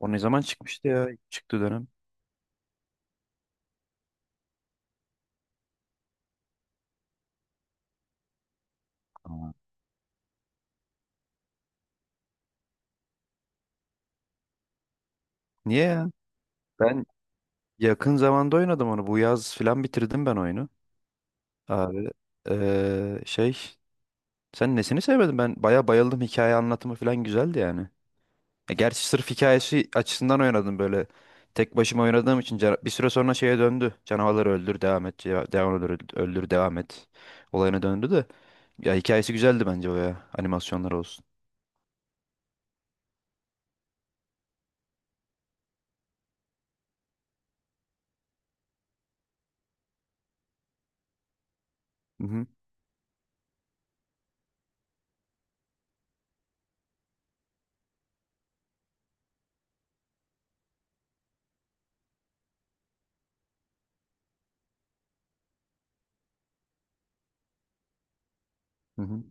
O ne zaman çıkmıştı ya? Çıktı dönem. Aa, niye ya? Ben yakın zamanda oynadım onu. Bu yaz filan bitirdim ben oyunu. Abi şey sen nesini sevmedin? Ben baya bayıldım. Hikaye anlatımı filan güzeldi yani. E, gerçi sırf hikayesi açısından oynadım böyle. Tek başıma oynadığım için bir süre sonra şeye döndü. Canavarları öldür devam et. Devam öldür, öldür devam et. Olayına döndü de. Ya hikayesi güzeldi bence o ya. Animasyonlar olsun. Hı hı. Hı hı.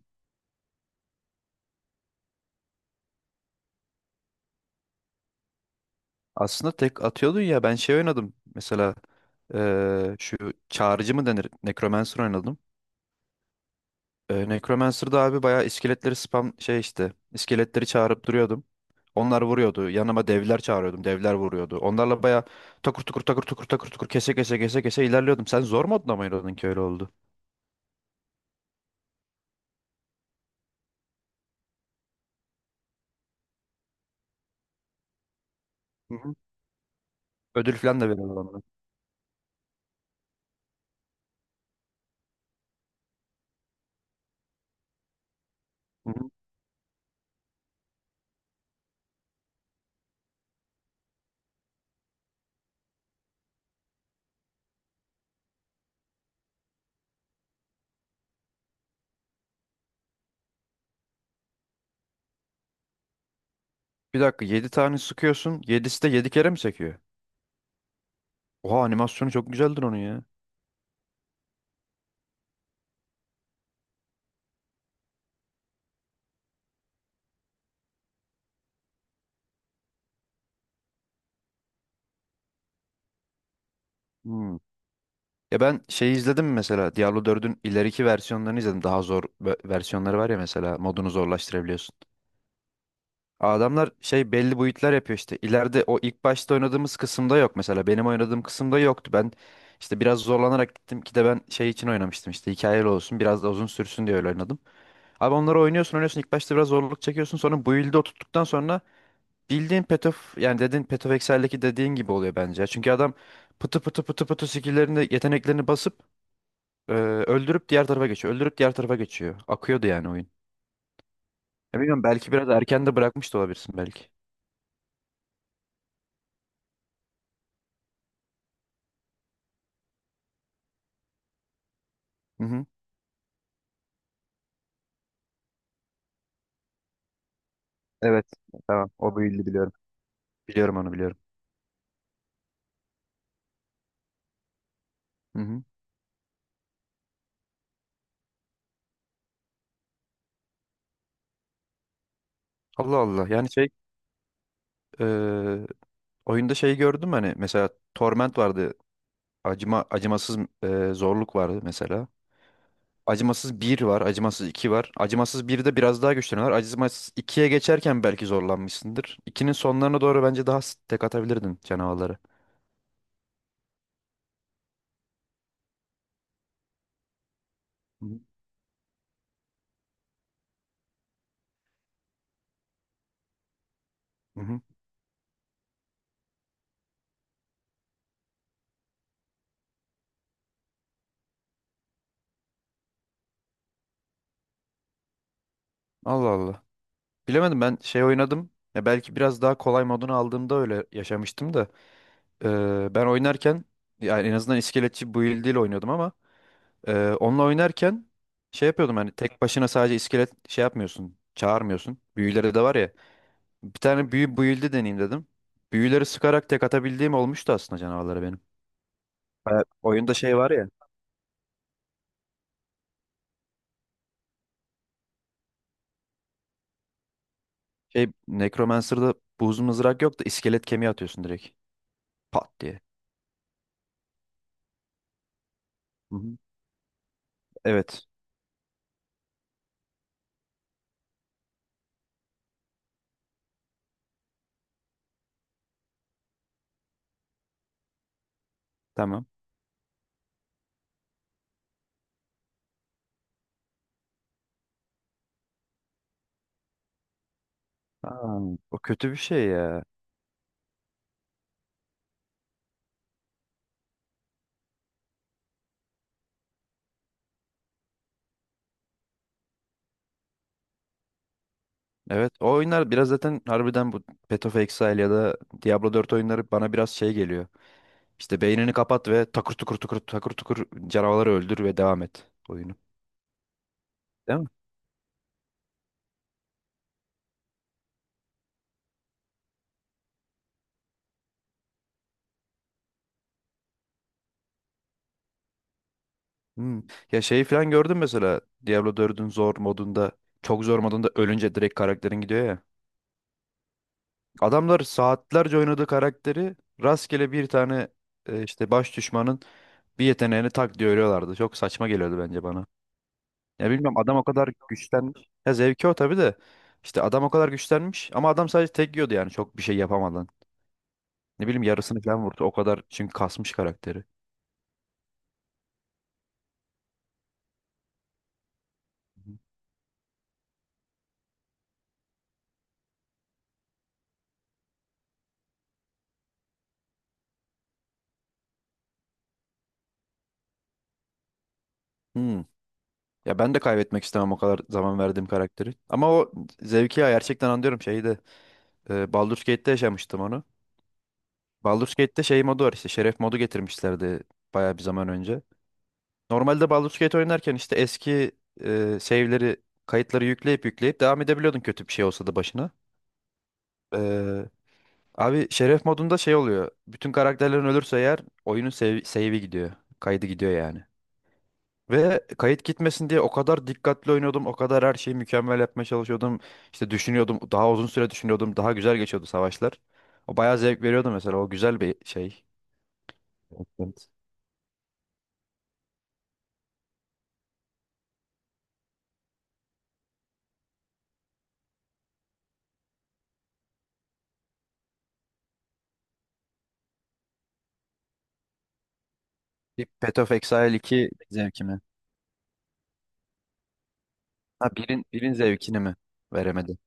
Aslında tek atıyordun ya ben şey oynadım. Mesela şu çağrıcı mı denir? Necromancer oynadım. Necromancer'da abi bayağı iskeletleri spam şey işte. İskeletleri çağırıp duruyordum. Onlar vuruyordu. Yanıma devler çağırıyordum. Devler vuruyordu. Onlarla bayağı takır tukur takır tukur takır tukur kese kese kese kese ilerliyordum. Sen zor modda mı oynadın ki öyle oldu? Hı hı. Ödül falan da veriyorlar ona. Hı hı. Bir dakika 7 tane sıkıyorsun. 7'si de 7 kere mi sekiyor? Oha, animasyonu çok güzeldir onun ya. Hmm. Ya ben şeyi izledim mesela Diablo 4'ün ileriki versiyonlarını izledim. Daha zor versiyonları var ya mesela modunu zorlaştırabiliyorsun. Adamlar şey belli boyutlar yapıyor işte. İleride o ilk başta oynadığımız kısımda yok mesela. Benim oynadığım kısımda yoktu. Ben işte biraz zorlanarak gittim ki de ben şey için oynamıştım işte hikayeli olsun biraz da uzun sürsün diye öyle oynadım. Abi onları oynuyorsun oynuyorsun ilk başta biraz zorluk çekiyorsun sonra build'e oturttuktan sonra bildiğin Path of yani dediğin Path of Excel'deki dediğin gibi oluyor bence. Çünkü adam pıtı pıtı pıtı pıtı skill'lerini yeteneklerini basıp öldürüp diğer tarafa geçiyor. Öldürüp diğer tarafa geçiyor. Akıyordu yani oyun. Ya bilmiyorum, belki biraz erken de bırakmış da olabilirsin belki. Hı hı. Evet. Tamam. O büyüldü biliyorum. Biliyorum onu, biliyorum. Hı hı. Allah Allah. Yani şey e, oyunda şeyi gördüm, hani mesela Torment vardı. Acımasız zorluk vardı mesela. Acımasız bir var, acımasız 2 var. Acımasız birde biraz daha güçleniyorlar. Acımasız ikiye geçerken belki zorlanmışsındır. 2'nin sonlarına doğru bence daha tek atabilirdin canavarları. Hı hı. Hı hı. Allah Allah. Bilemedim, ben şey oynadım. Ya belki biraz daha kolay modunu aldığımda öyle yaşamıştım da. Ben oynarken yani en azından iskeletçi build ile oynuyordum ama onunla oynarken şey yapıyordum, hani tek başına sadece iskelet şey yapmıyorsun. Çağırmıyorsun. Büyüleri de var ya. Bir tane büyü build'i deneyeyim dedim. Büyüleri sıkarak tek atabildiğim olmuştu aslında canavarlara benim. Ha, oyunda şey var ya. Şey Necromancer'da buz mızrak yok da iskelet kemiği atıyorsun direkt. Pat diye. Hı hı. Evet. Tamam. Aa, o kötü bir şey ya. Evet, o oyunlar biraz zaten harbiden bu Path of Exile ya da Diablo 4 oyunları bana biraz şey geliyor. İşte beynini kapat ve takır tukur tukur takır tukur canavarları öldür ve devam et oyunu. Değil mi? Hmm. Ya şeyi falan gördün mesela Diablo 4'ün zor modunda, çok zor modunda ölünce direkt karakterin gidiyor ya. Adamlar saatlerce oynadığı karakteri rastgele bir tane işte baş düşmanın bir yeteneğini tak diye örüyorlardı. Çok saçma geliyordu bence bana. Ya bilmiyorum, adam o kadar güçlenmiş. Ya zevki o tabii de. İşte adam o kadar güçlenmiş ama adam sadece tek yiyordu yani çok bir şey yapamadan. Ne bileyim yarısını falan vurdu o kadar çünkü kasmış karakteri. Hmm. Ya ben de kaybetmek istemem o kadar zaman verdiğim karakteri. Ama o zevki ya gerçekten anlıyorum şeyi de. E, Baldur's Gate'te yaşamıştım onu. Baldur's Gate'te şey modu var, işte şeref modu getirmişlerdi bayağı bir zaman önce. Normalde Baldur's Gate oynarken işte eski save'leri, kayıtları yükleyip yükleyip devam edebiliyordun kötü bir şey olsa da başına. Ee, Abi şeref modunda şey oluyor. Bütün karakterlerin ölürse eğer oyunun save'i gidiyor. Kaydı gidiyor yani. Ve kayıt gitmesin diye o kadar dikkatli oynuyordum. O kadar her şeyi mükemmel yapmaya çalışıyordum. İşte düşünüyordum. Daha uzun süre düşünüyordum. Daha güzel geçiyordu savaşlar. O bayağı zevk veriyordu mesela. O güzel bir şey. Evet. Bir Path of Exile 2 zevkimi. Ha, birin zevkini mi veremedi?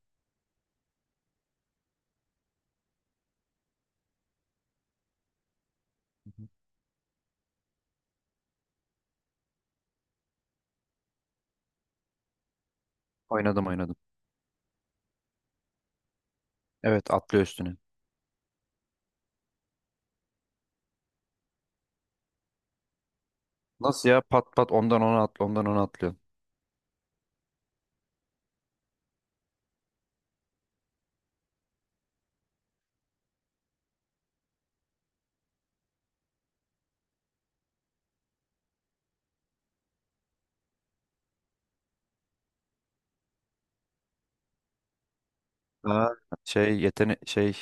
Oynadım oynadım. Evet, atlıyor üstüne. Nasıl ya, pat pat ondan ona atlıyor. Ha. Şey yetenek şey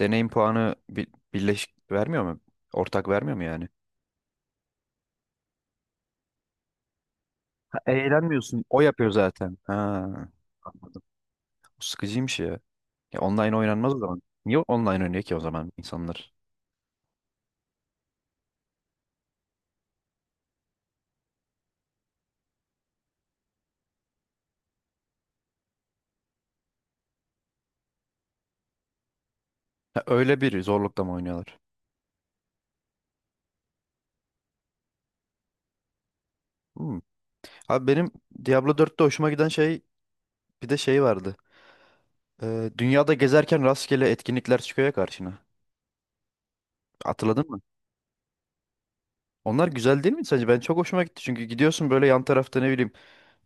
deneyim puanı birleşik vermiyor mu? Ortak vermiyor mu yani? Ha, eğlenmiyorsun. O yapıyor zaten. Ha, anladım. Bu sıkıcıymış ya. Ya online oynanmaz o zaman. Niye online oynuyor ki o zaman insanlar? Ha, öyle bir zorlukla mı oynuyorlar? Hmm. Abi benim Diablo 4'te hoşuma giden şey, bir de şey vardı. Dünyada gezerken rastgele etkinlikler çıkıyor ya karşına. Hatırladın mı? Onlar güzel değil mi sence? Ben çok hoşuma gitti çünkü gidiyorsun böyle yan tarafta, ne bileyim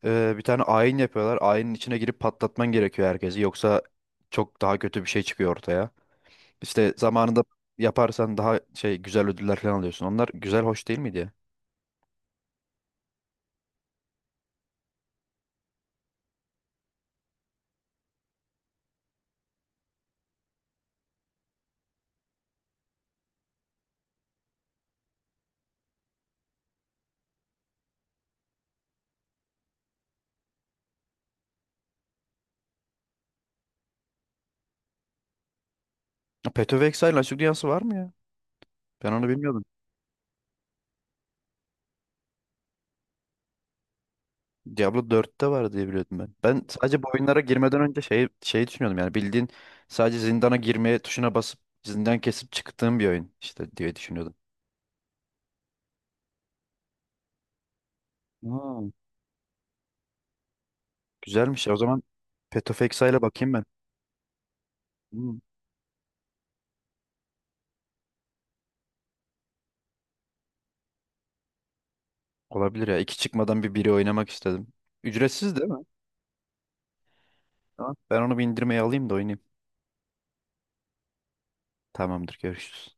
bir tane ayin yapıyorlar. Ayinin içine girip patlatman gerekiyor herkesi. Yoksa çok daha kötü bir şey çıkıyor ortaya. İşte zamanında yaparsan daha şey güzel ödüller falan alıyorsun. Onlar güzel, hoş değil miydi ya? Ya Path of Exile'ın açık dünyası var mı ya? Ben onu bilmiyordum. Diablo 4'te var diye biliyordum ben. Ben sadece bu oyunlara girmeden önce şey düşünüyordum yani bildiğin sadece zindana girmeye tuşuna basıp zindan kesip çıktığım bir oyun işte diye düşünüyordum. Ha. Güzelmiş ya. O zaman Petofex'a ile bakayım ben. Hmm, olabilir ya. 2 çıkmadan bir biri oynamak istedim. Ücretsiz değil mi? Tamam. Ben onu bir indirmeye alayım da oynayayım. Tamamdır. Görüşürüz.